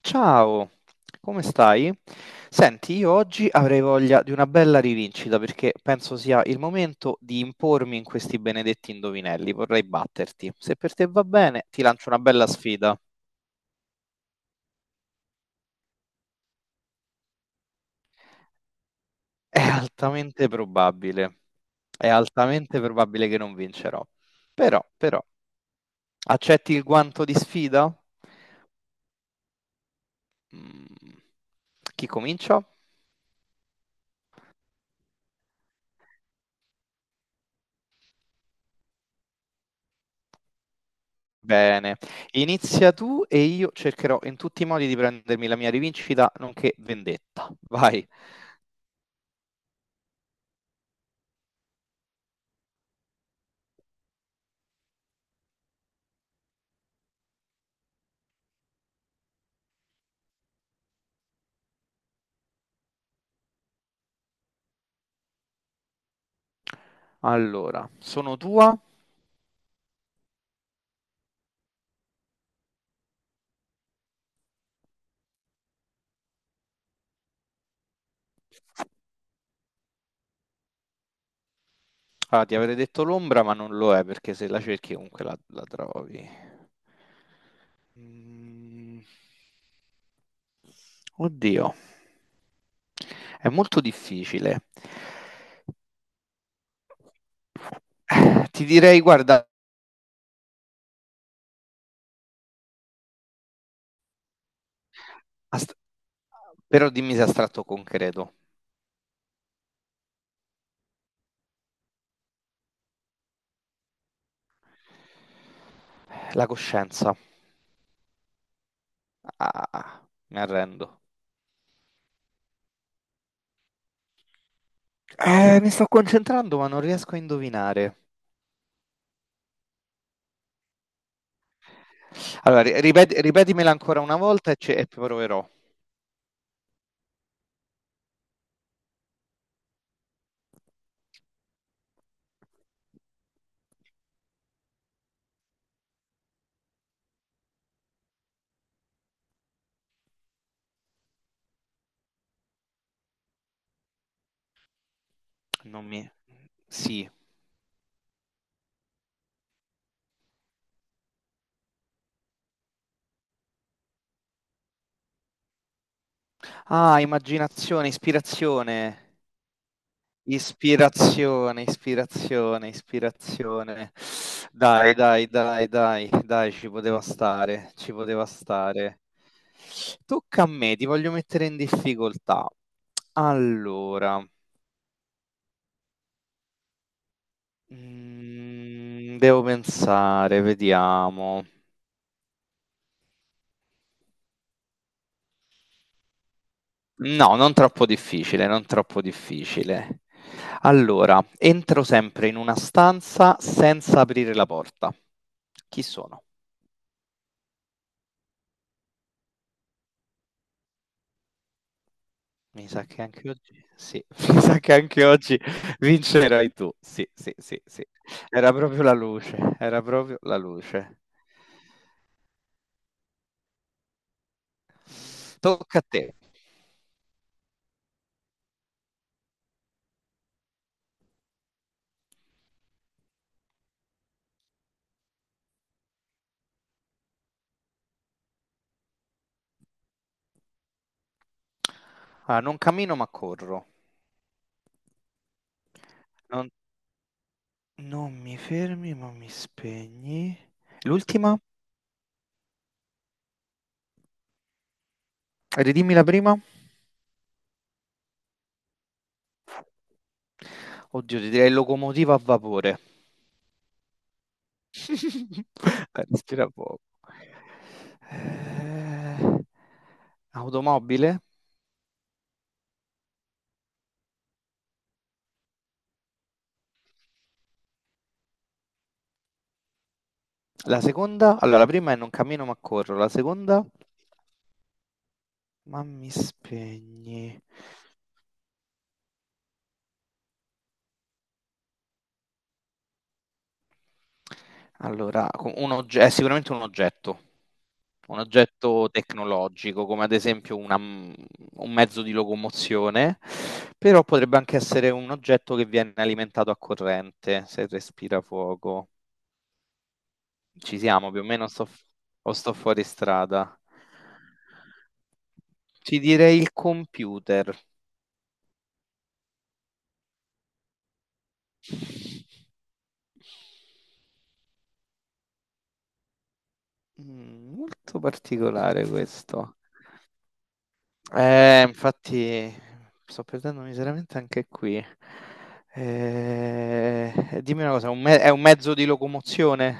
Ciao, come stai? Senti, io oggi avrei voglia di una bella rivincita perché penso sia il momento di impormi in questi benedetti indovinelli. Vorrei batterti. Se per te va bene, ti lancio una bella sfida. È altamente probabile, è altamente probabile che non vincerò. Però, però, accetti il guanto di sfida? Mm. Chi comincia? Bene, inizia tu e io cercherò in tutti i modi di prendermi la mia rivincita, nonché vendetta. Vai. Allora, sono tua. Ah, ti avrei detto l'ombra, ma non lo è perché se la cerchi comunque la trovi. Mm. Oddio, è molto difficile. Ti direi, guarda, ast- però dimmi se è astratto o concreto. La coscienza. Ah, mi arrendo. Mi sto concentrando, ma non riesco a indovinare. Allora, ripetimela ancora una volta e, e proverò. Non mi... Sì. Ah, immaginazione, ispirazione. Ispirazione, ispirazione, ispirazione. Dai, dai, dai, dai, dai, ci poteva stare, ci poteva stare. Tocca a me, ti voglio mettere in difficoltà. Allora, devo pensare, vediamo. No, non troppo difficile, non troppo difficile. Allora, entro sempre in una stanza senza aprire la porta. Chi sono? Mi sa che anche oggi, sì, mi sa che anche oggi vincerai tu. Sì, sì, sì, sì. Era proprio la luce, era proprio la luce. Tocca a te. Ah, non cammino ma corro. Non, non mi fermi ma mi spegni. L'ultima? Ridimmi la prima? Oddio, ti direi locomotiva a vapore. Respira poco. Eh, automobile? La seconda? Allora, la prima è non cammino ma corro. La seconda? Ma mi spegni. Allora, è sicuramente un oggetto tecnologico, come ad esempio un mezzo di locomozione, però potrebbe anche essere un oggetto che viene alimentato a corrente, se respira fuoco. Ci siamo, più o meno sto, o sto fuori strada. Ti direi il computer. Molto particolare questo. Infatti sto perdendo miseramente anche qui. Dimmi una cosa, è un mezzo di locomozione?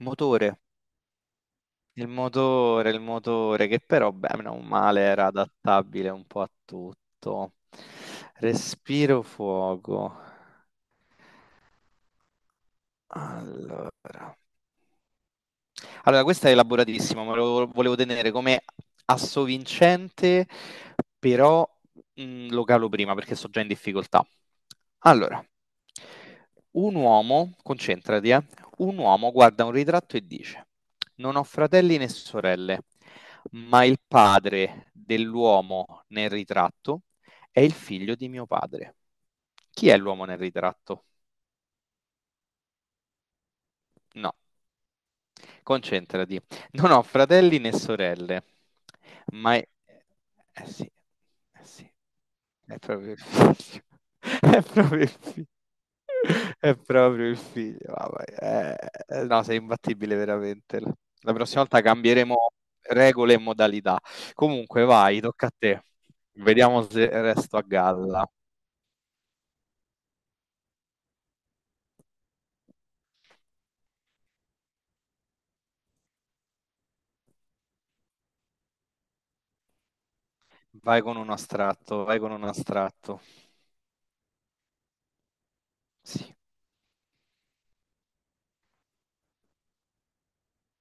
Motore. Il motore, il motore, che però, beh, non male, era adattabile un po' a tutto. Respiro fuoco. Allora. Allora, questa è elaboratissima, ma lo volevo tenere come assovincente, però lo calo prima perché sto già in difficoltà. Allora, un uomo, concentrati, un uomo guarda un ritratto e dice: Non ho fratelli né sorelle, ma il padre dell'uomo nel ritratto è il figlio di mio padre. Chi è l'uomo nel ritratto? No. Concentrati. Non ho fratelli né sorelle, ma è... Eh sì, eh sì, è proprio il figlio. È proprio il figlio. È proprio il figlio. Vabbè, no, sei imbattibile veramente. La prossima volta cambieremo regole e modalità. Comunque, vai, tocca a te. Vediamo se resto a galla. Vai con un astratto, vai con un astratto. Sì.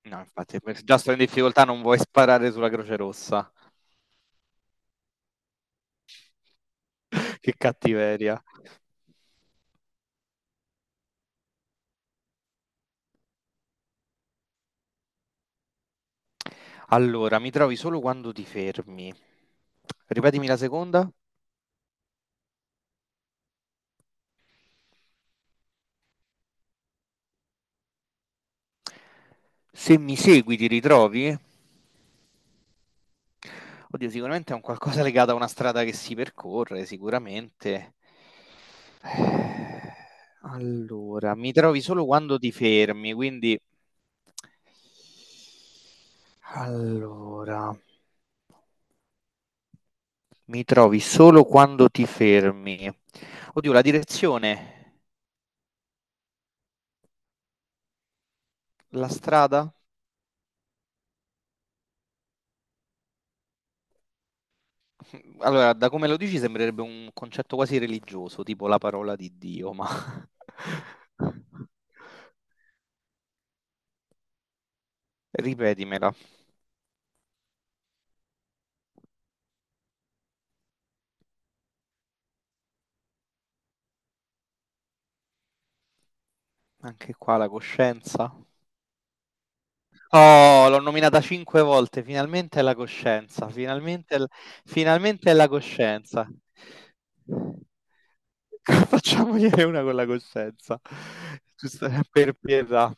No, infatti, già sto in difficoltà, non vuoi sparare sulla Croce Rossa. Che cattiveria. Allora, mi trovi solo quando ti fermi. Ripetimi la seconda. Se mi segui, ti ritrovi? Oddio, sicuramente è un qualcosa legato a una strada che si percorre, sicuramente. Eh, Allora, mi trovi solo quando ti fermi, quindi... Allora... Mi trovi solo quando ti fermi. Oddio, la direzione, la strada? Allora, da come lo dici sembrerebbe un concetto quasi religioso, tipo la parola di Dio, ma ripetimela. Anche qua la coscienza. Oh, l'ho nominata cinque volte, finalmente è la coscienza, finalmente finalmente è la coscienza. Facciamogliene una con la coscienza. Giusto, per pietà.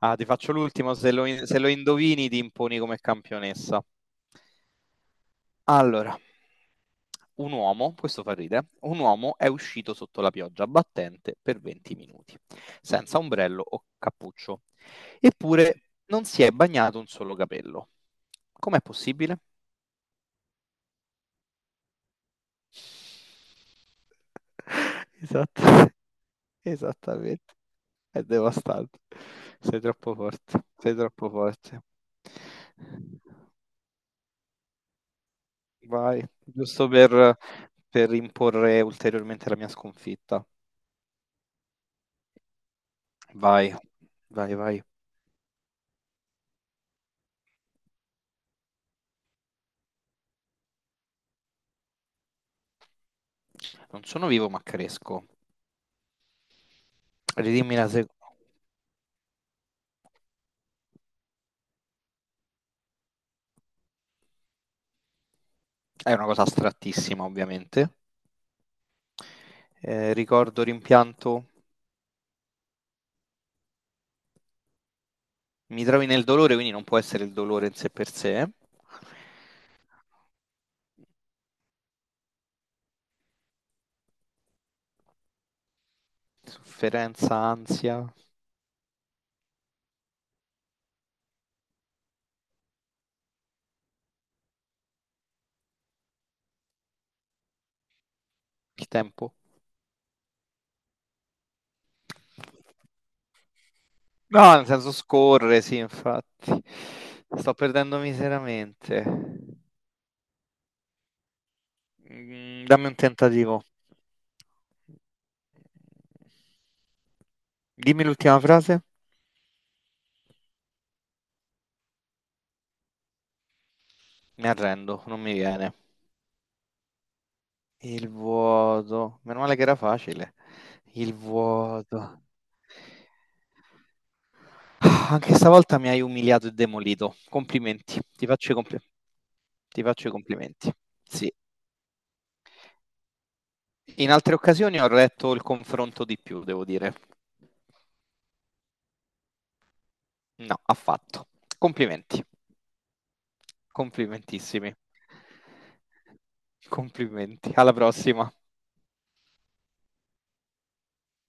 Ah, ti faccio l'ultimo, se lo indovini ti imponi come campionessa. Allora, un uomo, questo fa ridere, un uomo è uscito sotto la pioggia battente per 20 minuti, senza ombrello o cappuccio, eppure non si è bagnato un solo capello. Com'è possibile? Esatto. Esattamente. È devastante. Sei troppo forte. Sei troppo forte. Vai, giusto per, imporre ulteriormente la mia sconfitta. Vai, vai, vai. Non sono vivo ma cresco. Ridimmi la seconda. È una cosa astrattissima, ovviamente. Ricordo, rimpianto. Mi trovi nel dolore, quindi non può essere il dolore in sé per sé. Sofferenza, ansia, il tempo. No, nel senso scorre, sì, infatti. Sto perdendo miseramente. Dammi un tentativo. Dimmi l'ultima frase. Mi arrendo, non mi viene. Il vuoto. Meno male che era facile. Il vuoto. Ah, anche stavolta mi hai umiliato e demolito. Complimenti. Ti faccio i complimenti. Sì. In altre occasioni ho retto il confronto di più, devo dire. No, affatto. Complimenti. Complimentissimi. Complimenti. Alla prossima.